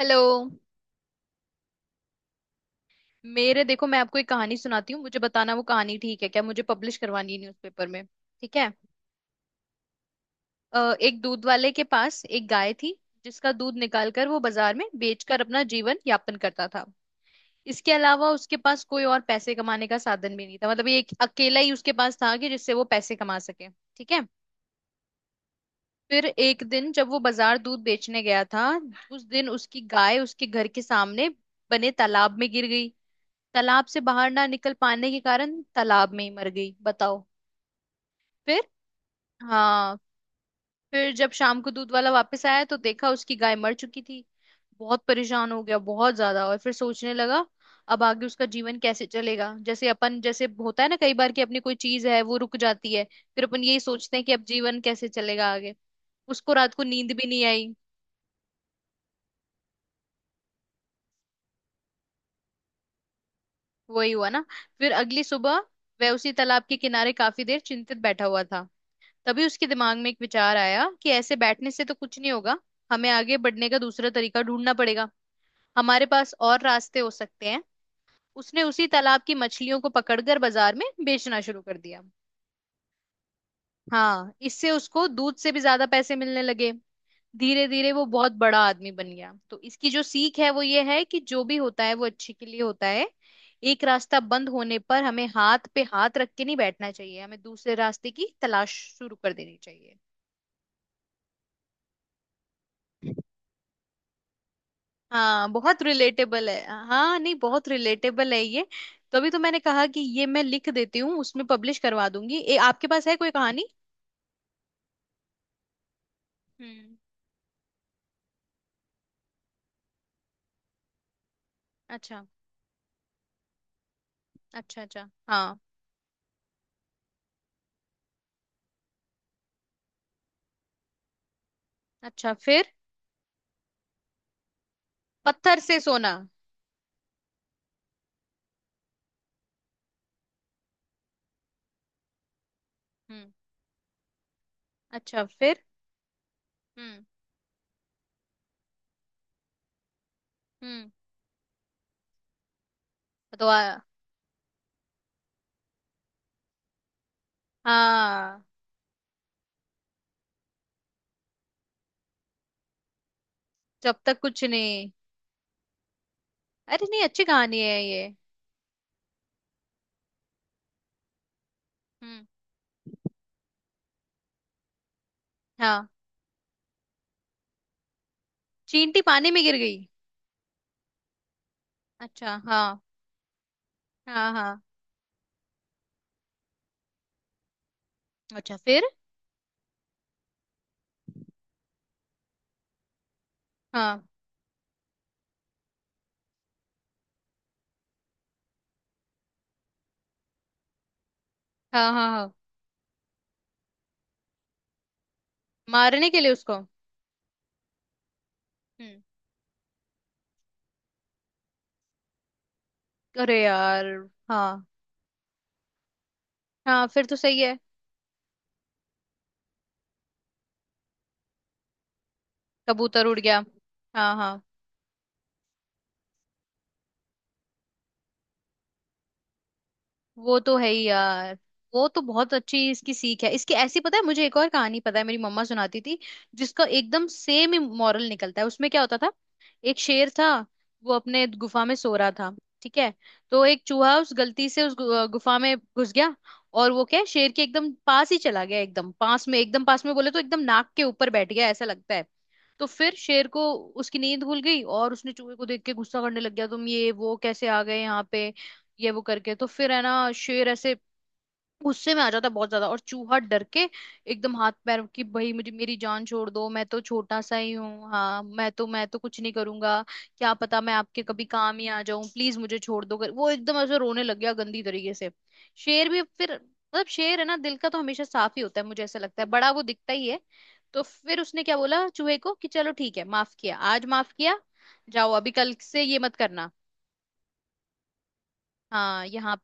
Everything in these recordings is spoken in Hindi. हेलो। मेरे देखो, मैं आपको एक कहानी सुनाती हूँ, मुझे बताना वो कहानी ठीक है क्या। मुझे पब्लिश करवानी है न्यूज़पेपर में। ठीक है। एक दूध वाले के पास एक गाय थी जिसका दूध निकालकर वो बाजार में बेचकर अपना जीवन यापन करता था। इसके अलावा उसके पास कोई और पैसे कमाने का साधन भी नहीं था, मतलब ये एक अकेला ही उसके पास था कि जिससे वो पैसे कमा सके। ठीक है। फिर एक दिन जब वो बाजार दूध बेचने गया था, उस दिन उसकी गाय उसके घर के सामने बने तालाब में गिर गई। तालाब से बाहर ना निकल पाने के कारण तालाब में ही मर गई, बताओ। फिर। हाँ। फिर जब शाम को दूध वाला वापस आया तो देखा उसकी गाय मर चुकी थी। बहुत परेशान हो गया, बहुत ज्यादा, और फिर सोचने लगा अब आगे उसका जीवन कैसे चलेगा। जैसे अपन, जैसे होता है ना कई बार कि अपनी कोई चीज है वो रुक जाती है। फिर अपन यही सोचते हैं कि अब जीवन कैसे चलेगा आगे। उसको रात को नींद भी नहीं आई। वही हुआ ना। फिर अगली सुबह वह उसी तालाब के किनारे काफी देर चिंतित बैठा हुआ था। तभी उसके दिमाग में एक विचार आया कि ऐसे बैठने से तो कुछ नहीं होगा, हमें आगे बढ़ने का दूसरा तरीका ढूंढना पड़ेगा, हमारे पास और रास्ते हो सकते हैं। उसने उसी तालाब की मछलियों को पकड़कर बाजार में बेचना शुरू कर दिया। हाँ, इससे उसको दूध से भी ज्यादा पैसे मिलने लगे। धीरे धीरे वो बहुत बड़ा आदमी बन गया। तो इसकी जो सीख है वो ये है कि जो भी होता है वो अच्छे के लिए होता है। एक रास्ता बंद होने पर हमें हाथ पे हाथ रख के नहीं बैठना चाहिए, हमें दूसरे रास्ते की तलाश शुरू कर देनी चाहिए। हाँ, बहुत रिलेटेबल है। हाँ, नहीं, बहुत रिलेटेबल है ये। तो अभी तो मैंने कहा कि ये मैं लिख देती हूँ, उसमें पब्लिश करवा दूंगी। आपके पास है कोई कहानी। हम्म। अच्छा अच्छा। अच्छा हाँ। अच्छा, फिर। पत्थर से सोना। हम्म। अच्छा, फिर। हम्म हम्म। तो हाँ, जब तक कुछ नहीं। अरे नहीं, अच्छी कहानी है ये। हम्म। हाँ, चींटी पानी में गिर गई। अच्छा हाँ। हाँ हाँ। अच्छा फिर। हाँ हाँ हाँ। हाँ, मारने के लिए उसको। हम्म। अरे यार। हाँ। हाँ, फिर तो सही है। कबूतर उड़ गया। हाँ हाँ। वो तो है ही यार। वो तो बहुत अच्छी इसकी सीख है, इसकी ऐसी। पता है, मुझे एक और कहानी पता है, मेरी मम्मा सुनाती थी जिसका एकदम सेम ही मॉरल निकलता है। उसमें क्या होता था, एक शेर था वो अपने गुफा में सो रहा था। ठीक है। तो एक चूहा उस गलती से उस गुफा में घुस गया। और वो क्या है, शेर के एकदम पास ही चला गया, एकदम पास में, एकदम पास में, बोले तो एकदम नाक के ऊपर बैठ गया ऐसा लगता है। तो फिर शेर को उसकी नींद भूल गई और उसने चूहे को देख के गुस्सा करने लग गया, तुम ये वो कैसे आ गए यहाँ पे, ये वो करके। तो फिर है ना, शेर ऐसे गुस्से में आ जाता है बहुत ज्यादा। और चूहा डर के एकदम हाथ पैर की, भाई मुझे मेरी जान छोड़ दो, मैं तो छोटा सा ही हूँ, हाँ, मैं तो कुछ नहीं करूंगा, क्या पता मैं आपके कभी काम ही आ जाऊं, प्लीज मुझे छोड़ दो, कर वो एकदम ऐसे रोने लग गया गंदी तरीके से। शेर भी फिर, मतलब शेर है ना दिल का तो हमेशा साफ ही होता है मुझे ऐसा लगता है, बड़ा वो दिखता ही है। तो फिर उसने क्या बोला चूहे को कि चलो ठीक है, माफ किया, आज माफ किया, जाओ, अभी कल से ये मत करना। हाँ, यहाँ।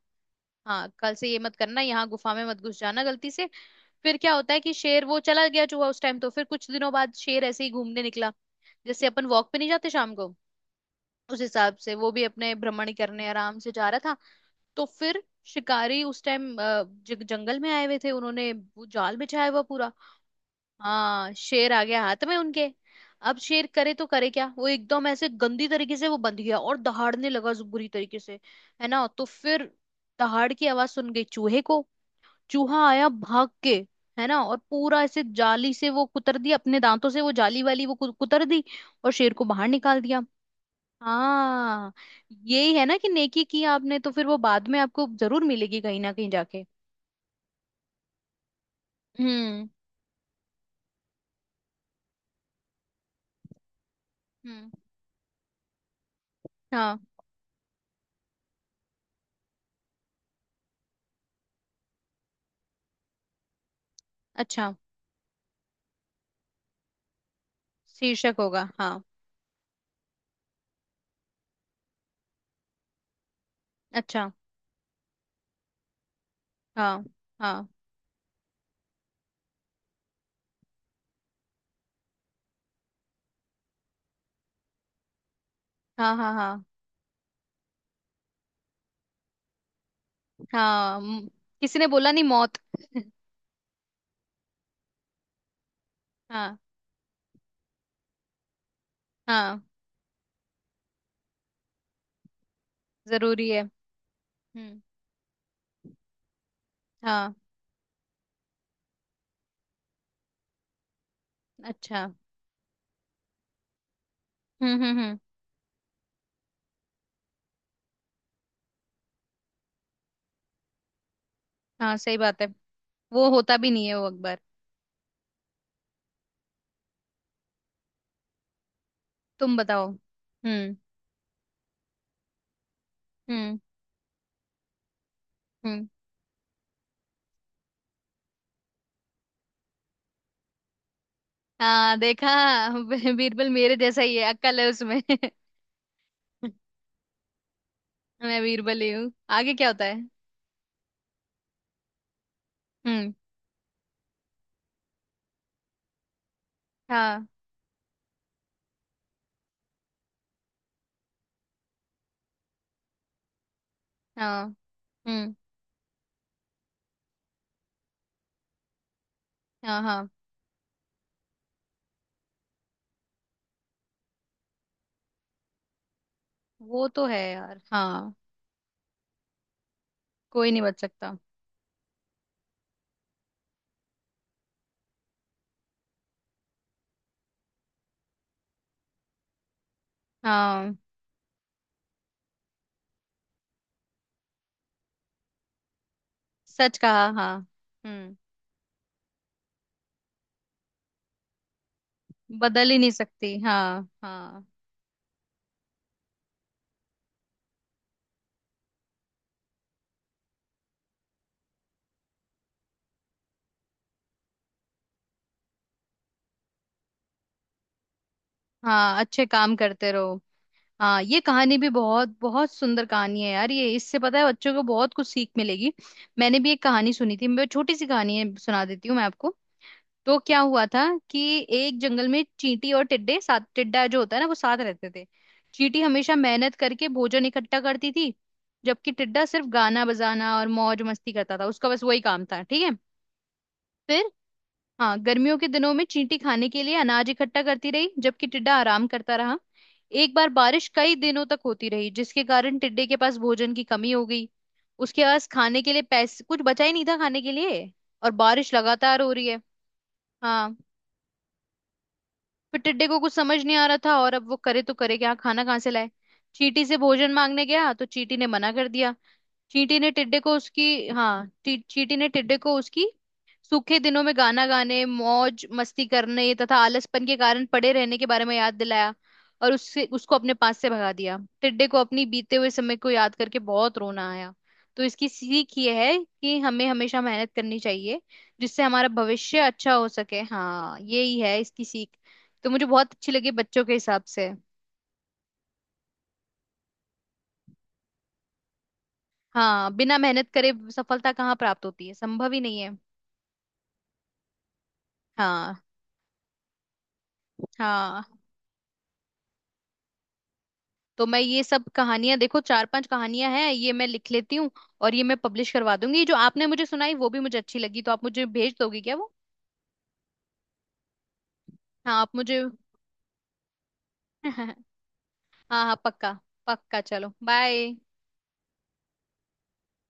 हाँ, कल से ये मत करना, यहाँ गुफा में मत घुस जाना गलती से। फिर क्या होता है कि शेर वो चला गया, चूहा उस टाइम। तो फिर कुछ दिनों बाद शेर ऐसे ही घूमने निकला, जैसे अपन वॉक पे नहीं जाते शाम को, उस हिसाब से वो भी अपने भ्रमण करने आराम से जा रहा था। तो फिर शिकारी उस टाइम जंगल में आए हुए थे, उन्होंने वो जाल बिछाया हुआ पूरा। हाँ, शेर आ गया हाथ में उनके। अब शेर करे तो करे क्या, वो एकदम ऐसे गंदी तरीके से वो बंध गया और दहाड़ने लगा बुरी तरीके से, है ना। तो फिर दहाड़ की आवाज सुन गई चूहे को, चूहा आया भाग के, है ना। और पूरा ऐसे जाली से वो कुतर दिया, अपने दांतों से वो जाली वाली वो कुतर दी, और शेर को बाहर निकाल दिया। हाँ। यही है ना कि नेकी की आपने, तो फिर वो बाद में आपको जरूर मिलेगी कहीं ना कहीं जाके। हम्म हम्म। हाँ। अच्छा, शीर्षक होगा हाँ। अच्छा हाँ। हाँ हाँ। हाँ हाँ हाँ। म- किसी ने बोला नहीं, मौत। हाँ। हाँ, जरूरी है। हम्म। हाँ। अच्छा। हम्म। हाँ, सही बात है, वो होता भी नहीं है वो अकबर। तुम बताओ। हम्म हम्म। हाँ देखा। बीरबल मेरे जैसा ही है, अक्कल है उसमें। मैं बीरबल ही हूँ, आगे क्या होता है। हम्म। हाँ हाँ। हम्म। हाँ हाँ। वो तो है यार, हाँ। कोई नहीं बच सकता। हाँ, सच कहा, हाँ। हम्म। बदल ही नहीं सकती, हाँ हाँ। हाँ, अच्छे काम करते रहो। हाँ, ये कहानी भी बहुत बहुत सुंदर कहानी है यार ये, इससे पता है बच्चों को बहुत कुछ सीख मिलेगी। मैंने भी एक कहानी सुनी थी, मैं, छोटी सी कहानी है, सुना देती हूँ मैं आपको। तो क्या हुआ था कि एक जंगल में चींटी और टिड्डे साथ, टिड्डा जो होता है ना वो साथ रहते थे। चींटी हमेशा मेहनत करके भोजन इकट्ठा करती थी जबकि टिड्डा सिर्फ गाना बजाना और मौज मस्ती करता था, उसका बस वही काम था, ठीक है। हाँ, गर्मियों के दिनों में चींटी खाने के लिए अनाज इकट्ठा करती रही जबकि टिड्डा आराम करता रहा। एक बार बारिश कई दिनों तक होती रही जिसके कारण टिड्डे के पास भोजन की कमी हो गई। उसके पास खाने के लिए पैसे कुछ बचा ही नहीं था खाने के लिए, और बारिश लगातार हो रही है। हाँ, फिर टिड्डे को कुछ समझ नहीं आ रहा था और अब वो करे तो करे क्या, खाना कहाँ से लाए। चींटी से भोजन मांगने गया तो चींटी ने मना कर दिया। चींटी ने टिड्डे को उसकी, हाँ, चींटी ने टिड्डे को उसकी सूखे दिनों में गाना गाने मौज मस्ती करने तथा आलसपन के कारण पड़े रहने के बारे में याद दिलाया। और उससे उसको अपने पास से भगा दिया। टिड्डे को अपनी बीते हुए समय को याद करके बहुत रोना आया। तो इसकी सीख ये है कि हमें हमेशा मेहनत करनी चाहिए जिससे हमारा भविष्य अच्छा हो सके। हाँ, यही है इसकी सीख। तो मुझे बहुत अच्छी लगी बच्चों के हिसाब से। हाँ, बिना मेहनत करे सफलता कहाँ प्राप्त होती है, संभव ही नहीं है। हाँ हाँ। तो मैं ये सब कहानियां, देखो, चार पांच कहानियां हैं ये, मैं लिख लेती हूँ और ये मैं पब्लिश करवा दूंगी। ये जो आपने मुझे सुनाई वो भी मुझे अच्छी लगी, तो आप मुझे भेज दोगे क्या वो। हाँ, आप मुझे हाँ हाँ पक्का। पक्का, चलो बाय।